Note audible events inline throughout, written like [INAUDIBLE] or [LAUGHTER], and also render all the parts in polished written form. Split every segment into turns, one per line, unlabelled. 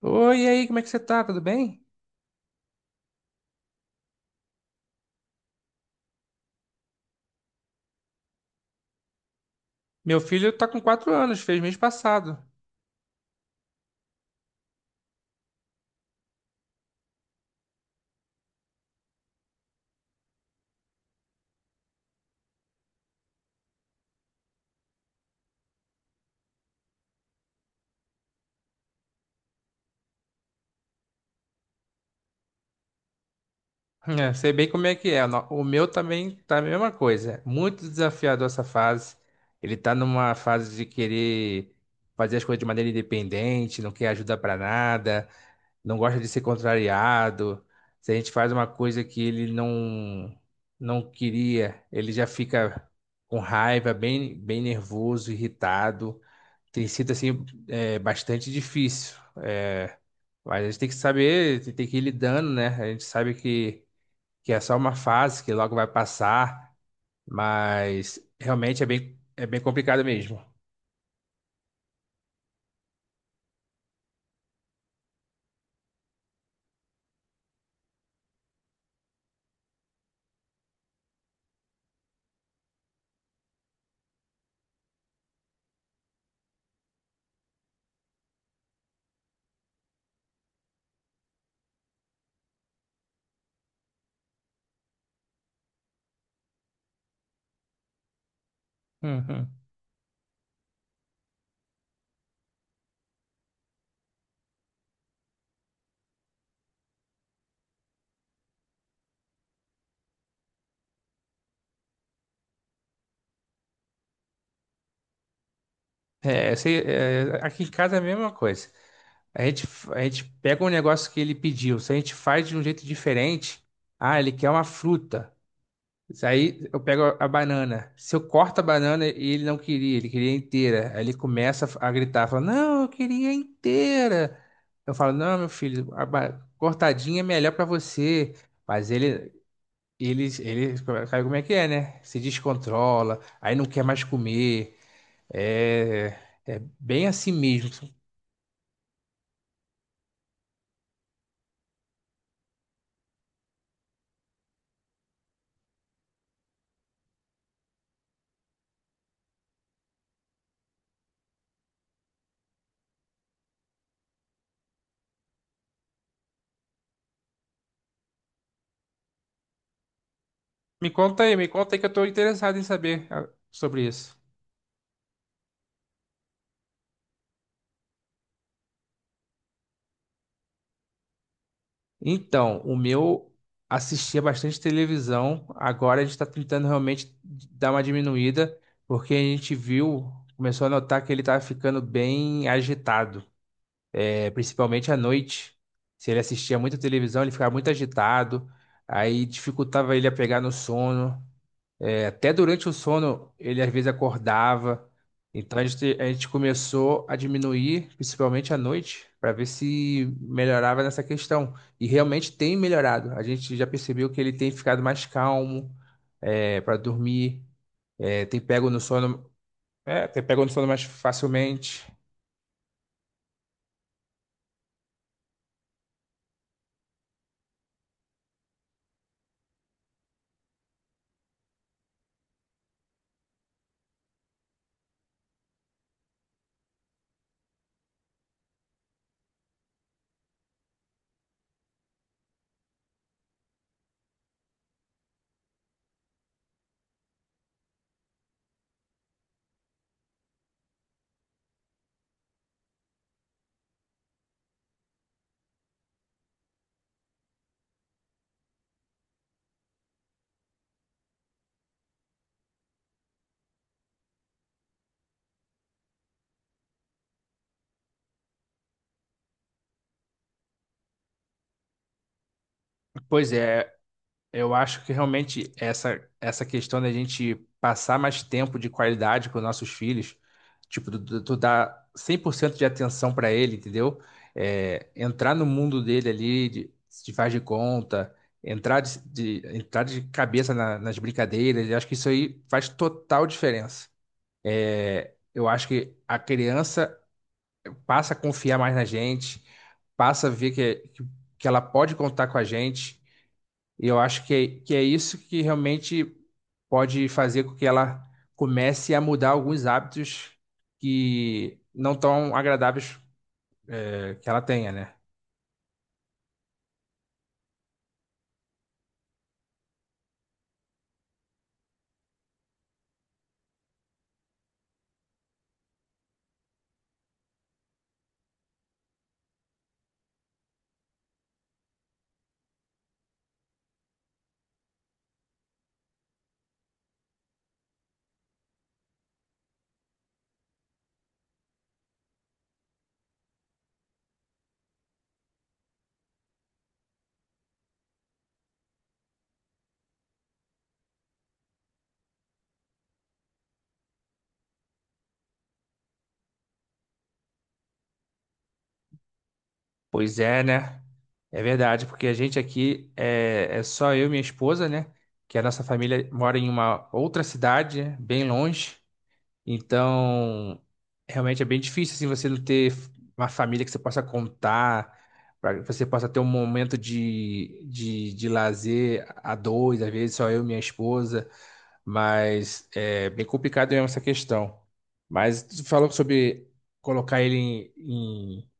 Oi, e aí, como é que você tá? Tudo bem? Meu filho tá com 4 anos, fez mês passado. [LAUGHS] É, sei bem como é que é. O meu também tá a mesma coisa. Muito desafiador essa fase. Ele tá numa fase de querer fazer as coisas de maneira independente, não quer ajuda pra nada, não gosta de ser contrariado. Se a gente faz uma coisa que ele não queria, ele já fica com raiva, bem nervoso, irritado. Tem sido assim bastante difícil. É, mas a gente tem que saber, tem que ir lidando, né? A gente sabe que é só uma fase, que logo vai passar, mas realmente é bem complicado mesmo. Uhum. É, eu sei, aqui em casa é a mesma coisa. A gente, a gente pega um negócio que ele pediu, se a gente faz de um jeito diferente, ah, ele quer uma fruta. Isso. Aí eu pego a banana. Se eu corto a banana e ele não queria, ele queria inteira. Aí ele começa a gritar, fala, não, eu queria inteira. Eu falo, não, meu filho, cortadinha é melhor pra você. Mas ele, sabe como é que é, né? Se descontrola, aí não quer mais comer. É. É bem assim mesmo. Me conta aí, que eu tô interessado em saber, sobre isso. Então, o meu assistia bastante televisão. Agora a gente está tentando realmente dar uma diminuída, porque começou a notar que ele estava ficando bem agitado, principalmente à noite. Se ele assistia muita televisão, ele ficava muito agitado, aí dificultava ele a pegar no sono. Até durante o sono, ele às vezes acordava. Então a gente começou a diminuir, principalmente à noite, para ver se melhorava nessa questão. E realmente tem melhorado. A gente já percebeu que ele tem ficado mais calmo, para dormir, é, tem pego no sono, tem pego no sono mais facilmente. Pois é. Eu acho que realmente essa questão da gente passar mais tempo de qualidade com nossos filhos, tipo, tu dar 100% de atenção para ele, entendeu? É, entrar no mundo dele ali, de faz de conta, entrar de cabeça nas brincadeiras, eu acho que isso aí faz total diferença. Eu acho que a criança passa a confiar mais na gente, passa a ver que, que ela pode contar com a gente. E eu acho que é isso que realmente pode fazer com que ela comece a mudar alguns hábitos que não tão agradáveis que ela tenha, né? Pois é, né? É verdade, porque a gente aqui é só eu e minha esposa, né? Que a nossa família mora em uma outra cidade, né, bem longe. Então, realmente é bem difícil assim você não ter uma família que você possa contar, para que você possa ter um momento de lazer a dois, às vezes só eu e minha esposa. Mas é bem complicado mesmo essa questão. Mas tu falou sobre colocar ele em-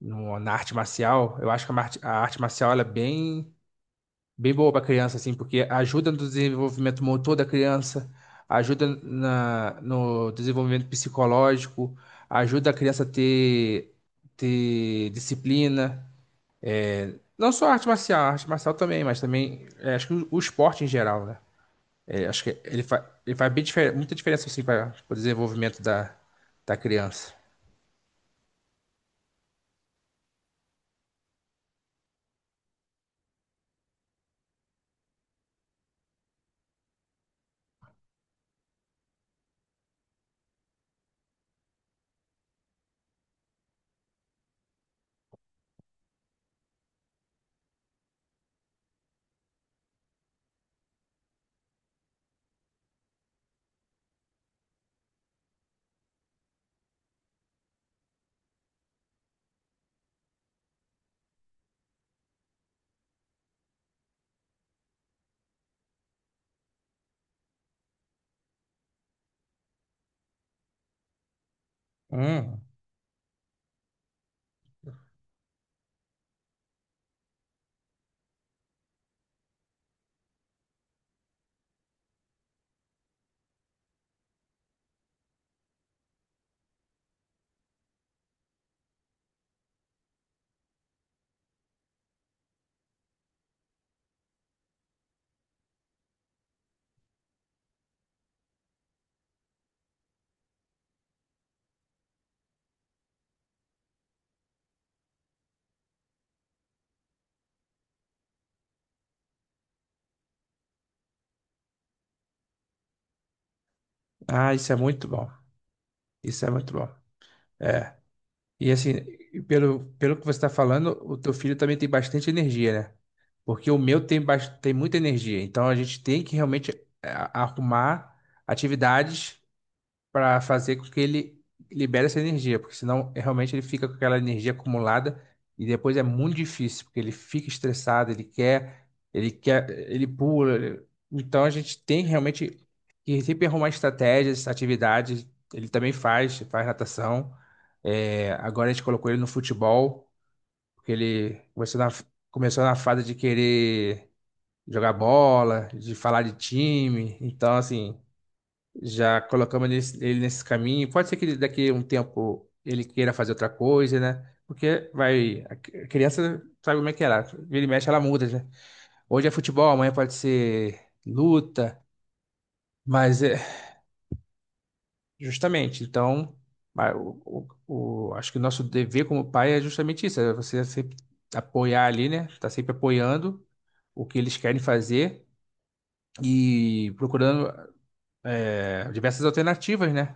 na arte marcial. Eu acho que a arte marcial, ela é bem boa para criança, assim, porque ajuda no desenvolvimento motor da criança, ajuda no desenvolvimento psicológico, ajuda a criança a ter, ter disciplina. Não só a arte marcial também, mas também acho que o esporte em geral, né? Acho que ele faz muita diferença assim para o desenvolvimento da criança. Hum. Ah, isso é muito bom. Isso é muito bom. E assim, pelo que você está falando, o teu filho também tem bastante energia, né? Porque o meu tem muita energia. Então a gente tem que realmente arrumar atividades para fazer com que ele libere essa energia, porque senão é realmente ele fica com aquela energia acumulada e depois é muito difícil, porque ele fica estressado, ele quer, ele pula. Então a gente tem realmente que sempre arrumar estratégias, atividades. Ele também faz natação. Agora a gente colocou ele no futebol, porque ele começou na fase de querer jogar bola, de falar de time. Então, assim, já colocamos ele nesse caminho. Pode ser que ele, daqui a um tempo, ele queira fazer outra coisa, né? Porque vai, a criança, sabe como é que é ela, vira e mexe, ela muda, né? Hoje é futebol, amanhã pode ser luta, mas é justamente, então, acho que o nosso dever como pai é justamente isso, é você sempre apoiar ali, né? Tá sempre apoiando o que eles querem fazer e procurando, diversas alternativas, né?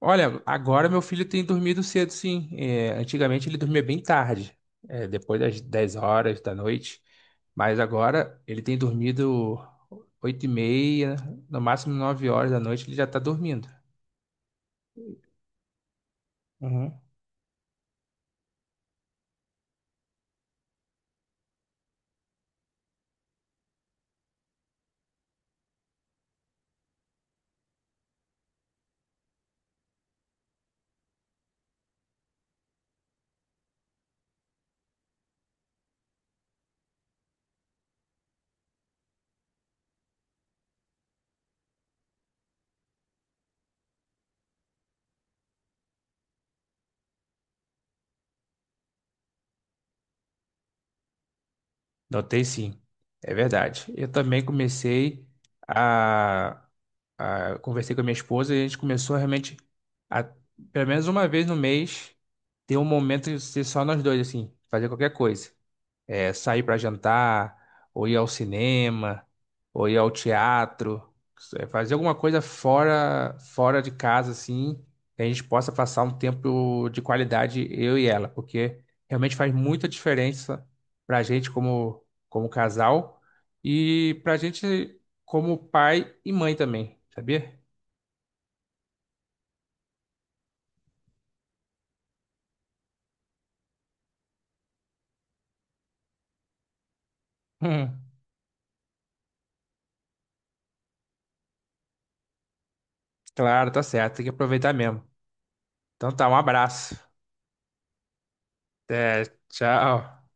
Olha, agora meu filho tem dormido cedo, sim. É, antigamente ele dormia bem tarde, depois das 10 horas da noite. Mas agora ele tem dormido 8h30, no máximo 9 horas da noite ele já está dormindo. Uhum. Notei, sim, é verdade. Eu também comecei a, a conversei com a minha esposa e a gente começou realmente a, pelo menos uma vez no mês, ter um momento de ser só nós dois, assim, fazer qualquer coisa. É, sair para jantar, ou ir ao cinema, ou ir ao teatro, fazer alguma coisa fora de casa, assim, que a gente possa passar um tempo de qualidade, eu e ela, porque realmente faz muita diferença para a gente como casal e para a gente como pai e mãe também, sabia? [LAUGHS] Hum, claro, tá certo, tem que aproveitar mesmo. Então tá, um abraço. Até, tchau.